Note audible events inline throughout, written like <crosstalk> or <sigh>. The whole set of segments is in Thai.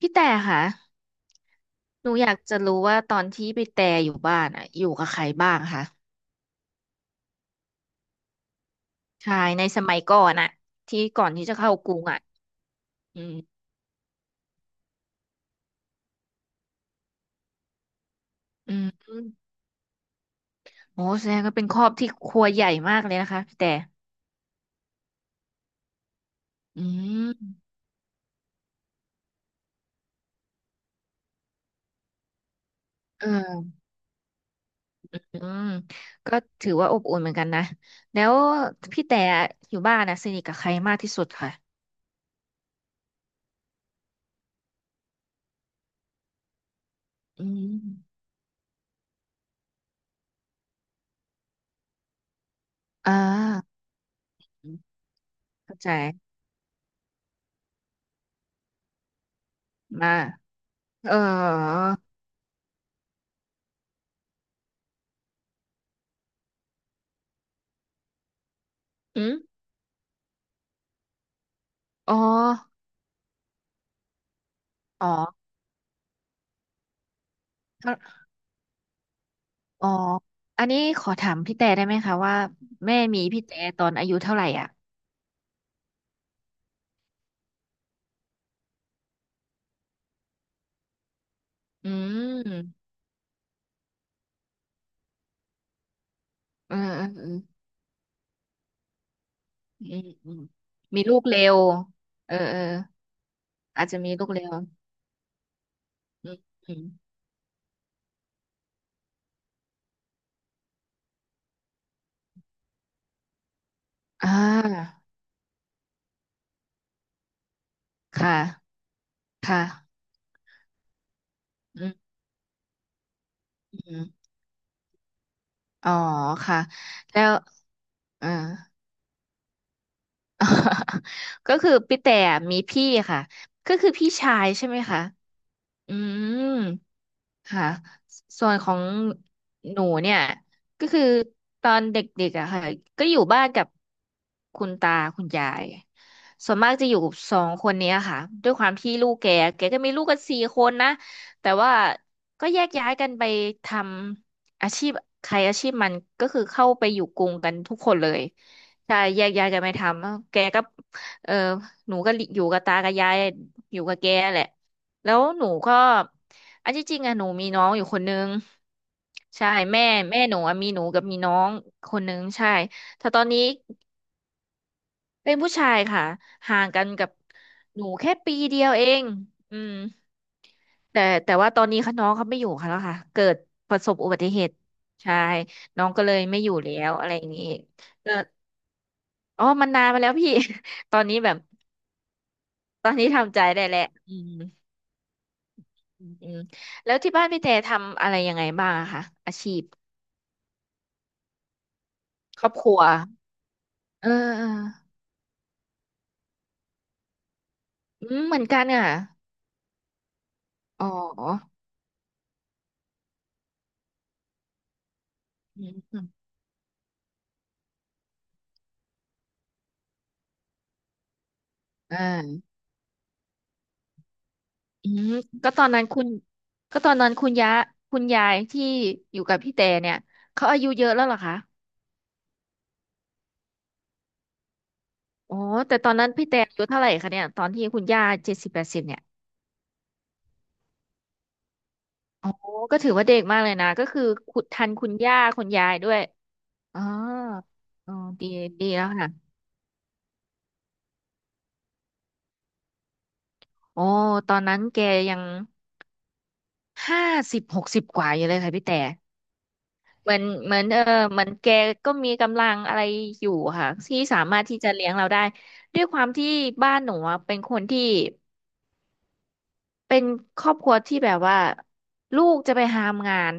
พี่แต่ค่ะหนูอยากจะรู้ว่าตอนที่พี่แต่อยู่บ้านอ่ะอยู่กับใครบ้างคะใช่ในสมัยก่อนอ่ะที่ก่อนที่จะเข้ากรุงอ่ะอืมอืมโอ้แสดงว่าเป็นครอบที่ครัวใหญ่มากเลยนะคะพี่แต่อืมเอออืมก็ถือว่าอบอุ่นเหมือนกันนะแล้วพี่แต่อยู่บ้านนะสนิทกับใครมากที่สุดค่ะอืมอ่าเข้าใจมาเอออืมอ๋ออ๋อ อ๋ออันนี้ขอถามพี่แต่ได้ไหมคะว่าแม่มีพี่แต่ตอนอายุเท่าไหร่อ่ะอืมเออเออเอออืมอืมมีลูกเร็วเออเอออาจจะมีลูกเร็วอืมอืมอ่าค่ะค่ะอืมอืมอ๋อค่ะแล้วเออ <laughs> ก็คือพี่แต่มีพี่ค่ะ ก็คือพี่ชายใช่ไหมคะอืม ค่ะส่วนของหนูเนี่ยก็คือตอนเด็กๆอะค่ะก็อยู่บ้านกับคุณตาคุณยายส่วนมากจะอยู่กับสองคนเนี้ยค่ะด้วยความที่ลูกแกแกก็มีลูกกันสี่คนนะแต่ว่าก็แยกย้ายกันไปทำอาชีพใครอาชีพมันก็คือเข้าไปอยู่กรุงกันทุกคนเลยใช่แยกย้ายกันไปทำแกก็เออหนูก็อยู่กับตากับยายอยู่กับแกแหละ แล้วหนูก็อันที่จริงอะหนูมีน้องอยู่คนนึงใช่แม่แม่หนูอะมีหนูกับมีน้องคนนึงใช่แต่ตอนนี้เป็นผู้ชายค่ะห่างกันกับหนูแค่ปีเดียวเองอืมแต่ว่าตอนนี้ค่ะน้องเขาไม่อยู่ค่ะแล้วค่ะเกิดประสบอุบัติเหตุใช่น้องก็เลยไม่อยู่แล้วอะไรอย่างนี้ก็อ๋อมันนานมาแล้วพี่ <laughs> ตอนนี้แบบตอนนี้ทำใจได้แล้วอืมอืมอืมแล้วที่บ้านพี่แต่ทำอะไรยังไงบ้างอะคะอาชีพ ครอบครัวเออเอออืมเหมือนกันอ่ะอ๋ออืมอ่าอืมก็ตอนนั้นคุณก็ตอนนั้นคุณยะคุณยายที่อยู่กับพี่แต่เนี่ย เขาอายุเยอะแล้วเหรอคะอ๋อแต่ตอนนั้นพี่แต่อายุเท่าไหร่คะเนี่ยตอนที่คุณย่าเจ็ดสิบแปดสิบเนี่ยอ๋อก็ถือว่าเด็กมากเลยนะ ก็คือขุดทันคุณย่าคุณยายด้วยอ๋ออ๋อดีดีแล้วค่ะโอ้ตอนนั้นแกยังห้าสิบหกสิบกว่าอยู่เลยค่ะพี่แต่ เหมือนเออเหมือนแกก็มีกำลังอะไรอยู่ค่ะที่สามารถที่จะเลี้ยงเราได้ด้วยความที่บ้านหนูอะเป็นคนที่เป็นครอบครัวที่แบบว่าลูกจะไปหามงาน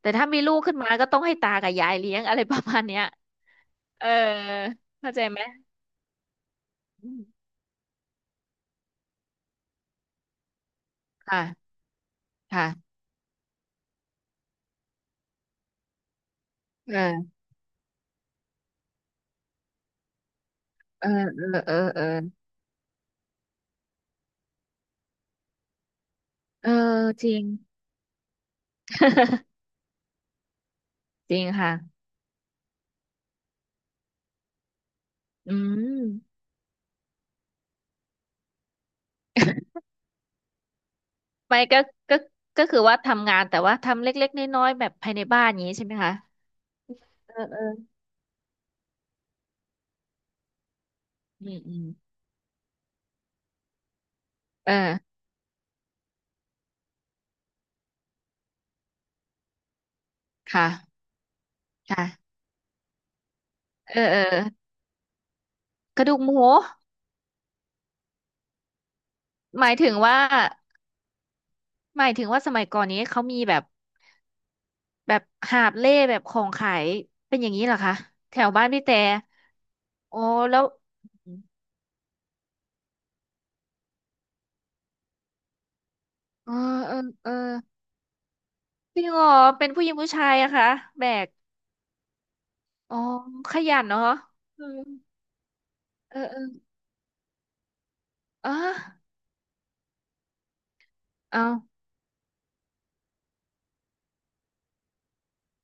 แต่ถ้ามีลูกขึ้นมาก็ต้องให้ตากับยายเลี้ยงอะไรประมาณเนี้ยเออเข้าใจไหมอืมค่ะค่ะเออเออเออเออเออเออจริงจริงค่ะอืม <laughs> ไม่ก็ก็คือว่าทำงานแต่ว่าทำเล็กๆน้อยๆแบบภายในบ้านอย่างนี้ใช่ไหมคะ เออเอออืมอืมเออค่ะค่ะเออเออกระดูกหมูหมายถึงว่าหมายถึงว่าสมัยก่อนนี้เขามีแบบแบบหาบเล่แบบของขายเป็นอย่างนี้เหรอคะแถวบ้านพี่แต่โอ้แล้วเออเออเออจริงเหรอเป็นผู้หญิงผู้ชายอะคะแบกอ๋อขยันเนาะอืมเออเอออ๋อเอา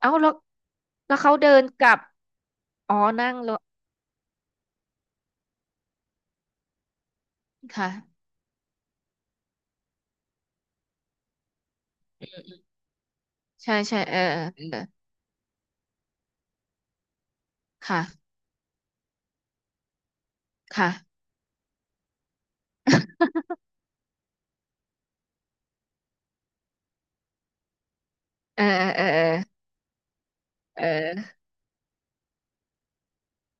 เอาแล้วแล้วเขาเดินกลับอ๋อนั่งรถค่ะใช่ใช่เออเออเออค่ะ ค่ะเออเออเออเออ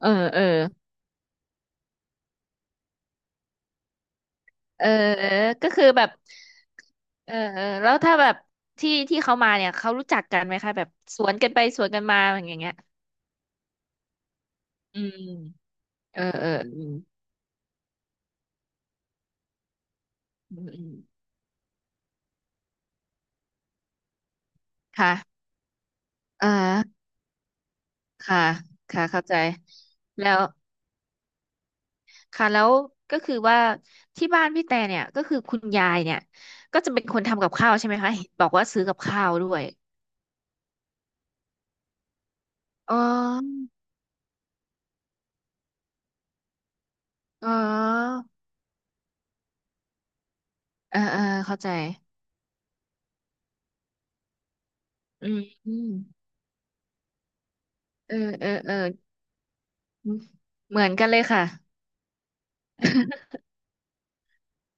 เออเออเออเออก็คือแบบเออเออแล้วถ้าแบบที่ที่เขามาเนี่ยเขารู้จักกันไหมคะแบบสวนกันไปสวนกันมาอย่างเงี้ยอืมเออเอออืมอืมอืมค่ะอ่าค่ะค่ะเข้าใจแล้วค่ะแล้วก็คือว่าที่บ้านพี่แต่เนี่ยก็คือคุณยายเนี่ยก็จะเป็นคนทำกับข้าวใช่ไหมคะเห็นบอกว่าซื้อกับข้าวด้วยอ๋ออ๋อเออเออเข้าใจ อืมเออเออเออเหมือนกันเลยค่ะ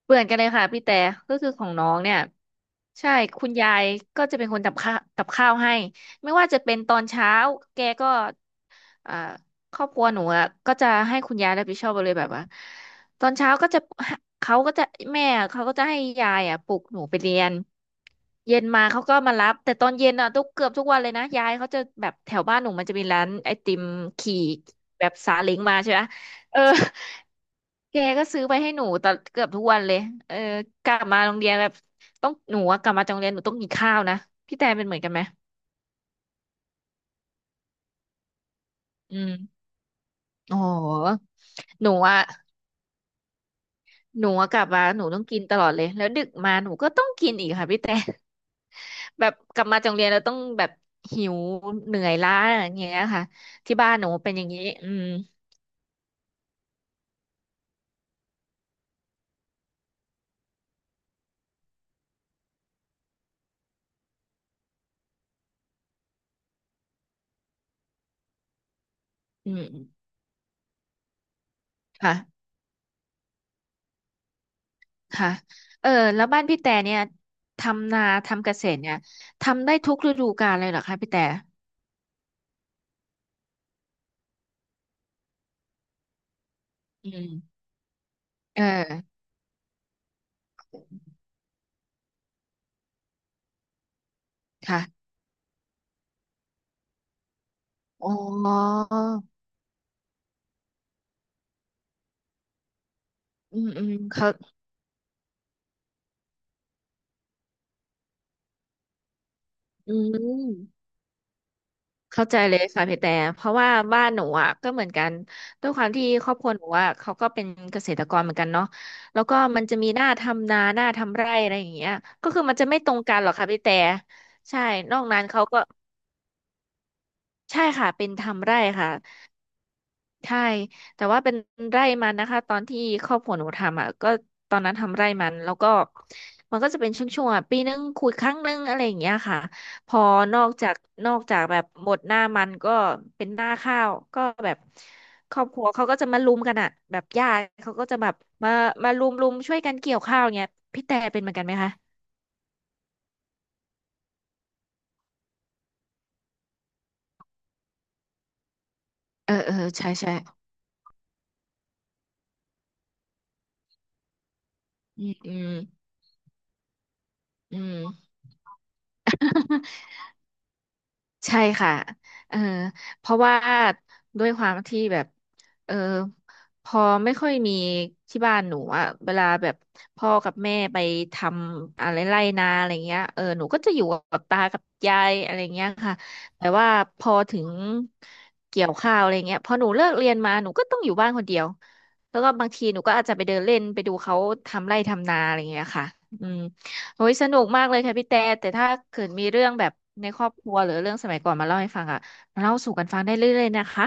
เหมือนกันเลยค่ะพี่แต่ ก็คือของน้องเนี่ยใช่คุณยายก็จะเป็นคนทำข้าวกับข้าวให้ไม่ว่าจะเป็นตอนเช้าแกก็ อ่าครอบครัวหนูอะก็จะให้คุณยายรับผิดชอบไปเลยแบบว่าตอนเช้าก็จะเขาก็จะแม่เขาก็จะให้ยายอ่ะปลุกหนูไปเรียนเย็นมาเขาก็มารับแต่ตอนเย็นอ่ะทุกเกือบทุกวันเลยนะยายเขาจะแบบแถวบ้านหนูมันจะมีร้านไอติมขี่แบบซาเล้งมาใช่ไหมเออแกก็ซื้อไปให้หนูตอนเกือบทุกวันเลยเออกลับมาโรงเรียนแบบต้องหนูอะกลับมาจากโรงเรียนหนูต้องกินข้าวนะพี่แตนเป็นเหมือนกันไหมอืมอ๋อหนูอะ หนูอะกลับมาหนูต้องกินตลอดเลยแล้วดึกมาหนูก็ต้องกินอีกค่ะพี่แต่ <laughs> แบบกลับมาจากโรงเรียนเราต้องแบบหิวเหนื่อยล้าอย่างเงี้ยค่ะที่บ้านหนูเป็นอย่างนี้อืมอืมค่ะค่ะเออแล้วบ้านพี่แต่เนี่ยทำนาทำเกษตรเนี่ยทำได้ทุกฤดูกาลเลยเหรอคะพี่แต่อืมเออค่ะอ๋ออืมอืมเขาอืม เข้าใจเลยค่ะพี่แต่เพราะว่าบ้านหนูอ่ะก็เหมือนกันด้วยความที่ครอบครัวหนูอ่ะเขาก็เป็นเกษตรกรเหมือนกันเนาะแล้วก็มันจะมีหน้าทำนาหน้าทำไร่อะไรอย่างเงี้ยก็คือมันจะไม่ตรงกันหรอกค่ะพี่แต่ใช่ นอกนั้นเขาก็ใช่ค่ะเป็นทำไร่ค่ะ ใช่แต่ว่าเป็นไร่มันนะคะตอนที่ครอบครัวหนูทำอ่ะก็ตอนนั้นทำไร่มันแล้วก็มันก็จะเป็นช่วงๆอ่ะปีนึงคุยครั้งนึงอะไรอย่างเงี้ยค่ะพอนอกจากนอกจากแบบหมดหน้ามันก็เป็นหน้าข้าวก็แบบครอบครัวเขาก็จะมาลุมกันอ่ะแบบญาติเขาก็จะแบบมามาลุมช่วยกันเกี่ยวข้าวเงี้ยพี่แต่เป็นเหมือนกันไหมคะเออเออใช่ใช่อืมอืมอืม ใช่ค่ะเออเพราะว่าด้วยความที่แบบเออพอไม่ค่อยมีที่บ้านหนูอะเวลาแบบพ่อกับแม่ไปทำอะไรไร่นาอะไรเงี้ยเออหนูก็จะอยู่กับตากับยายอะไรเงี้ยค่ะแต่ว่าพอถึงเกี่ยวข้าวอะไรเงี้ยพอหนูเลิกเรียนมาหนูก็ต้องอยู่บ้านคนเดียวแล้วก็บางทีหนูก็อาจจะไปเดินเล่นไปดูเขาทำไร่ทำนาอะไรเงี้ยค่ะอืม โอ้ยสนุกมากเลยค่ะพี่แต่แต่ถ้าเกิดมีเรื่องแบบในครอบครัวหรือเรื่องสมัยก่อนมาเล่าให้ฟังอ่ะเล่าสู่กันฟังได้เรื่อยๆนะคะ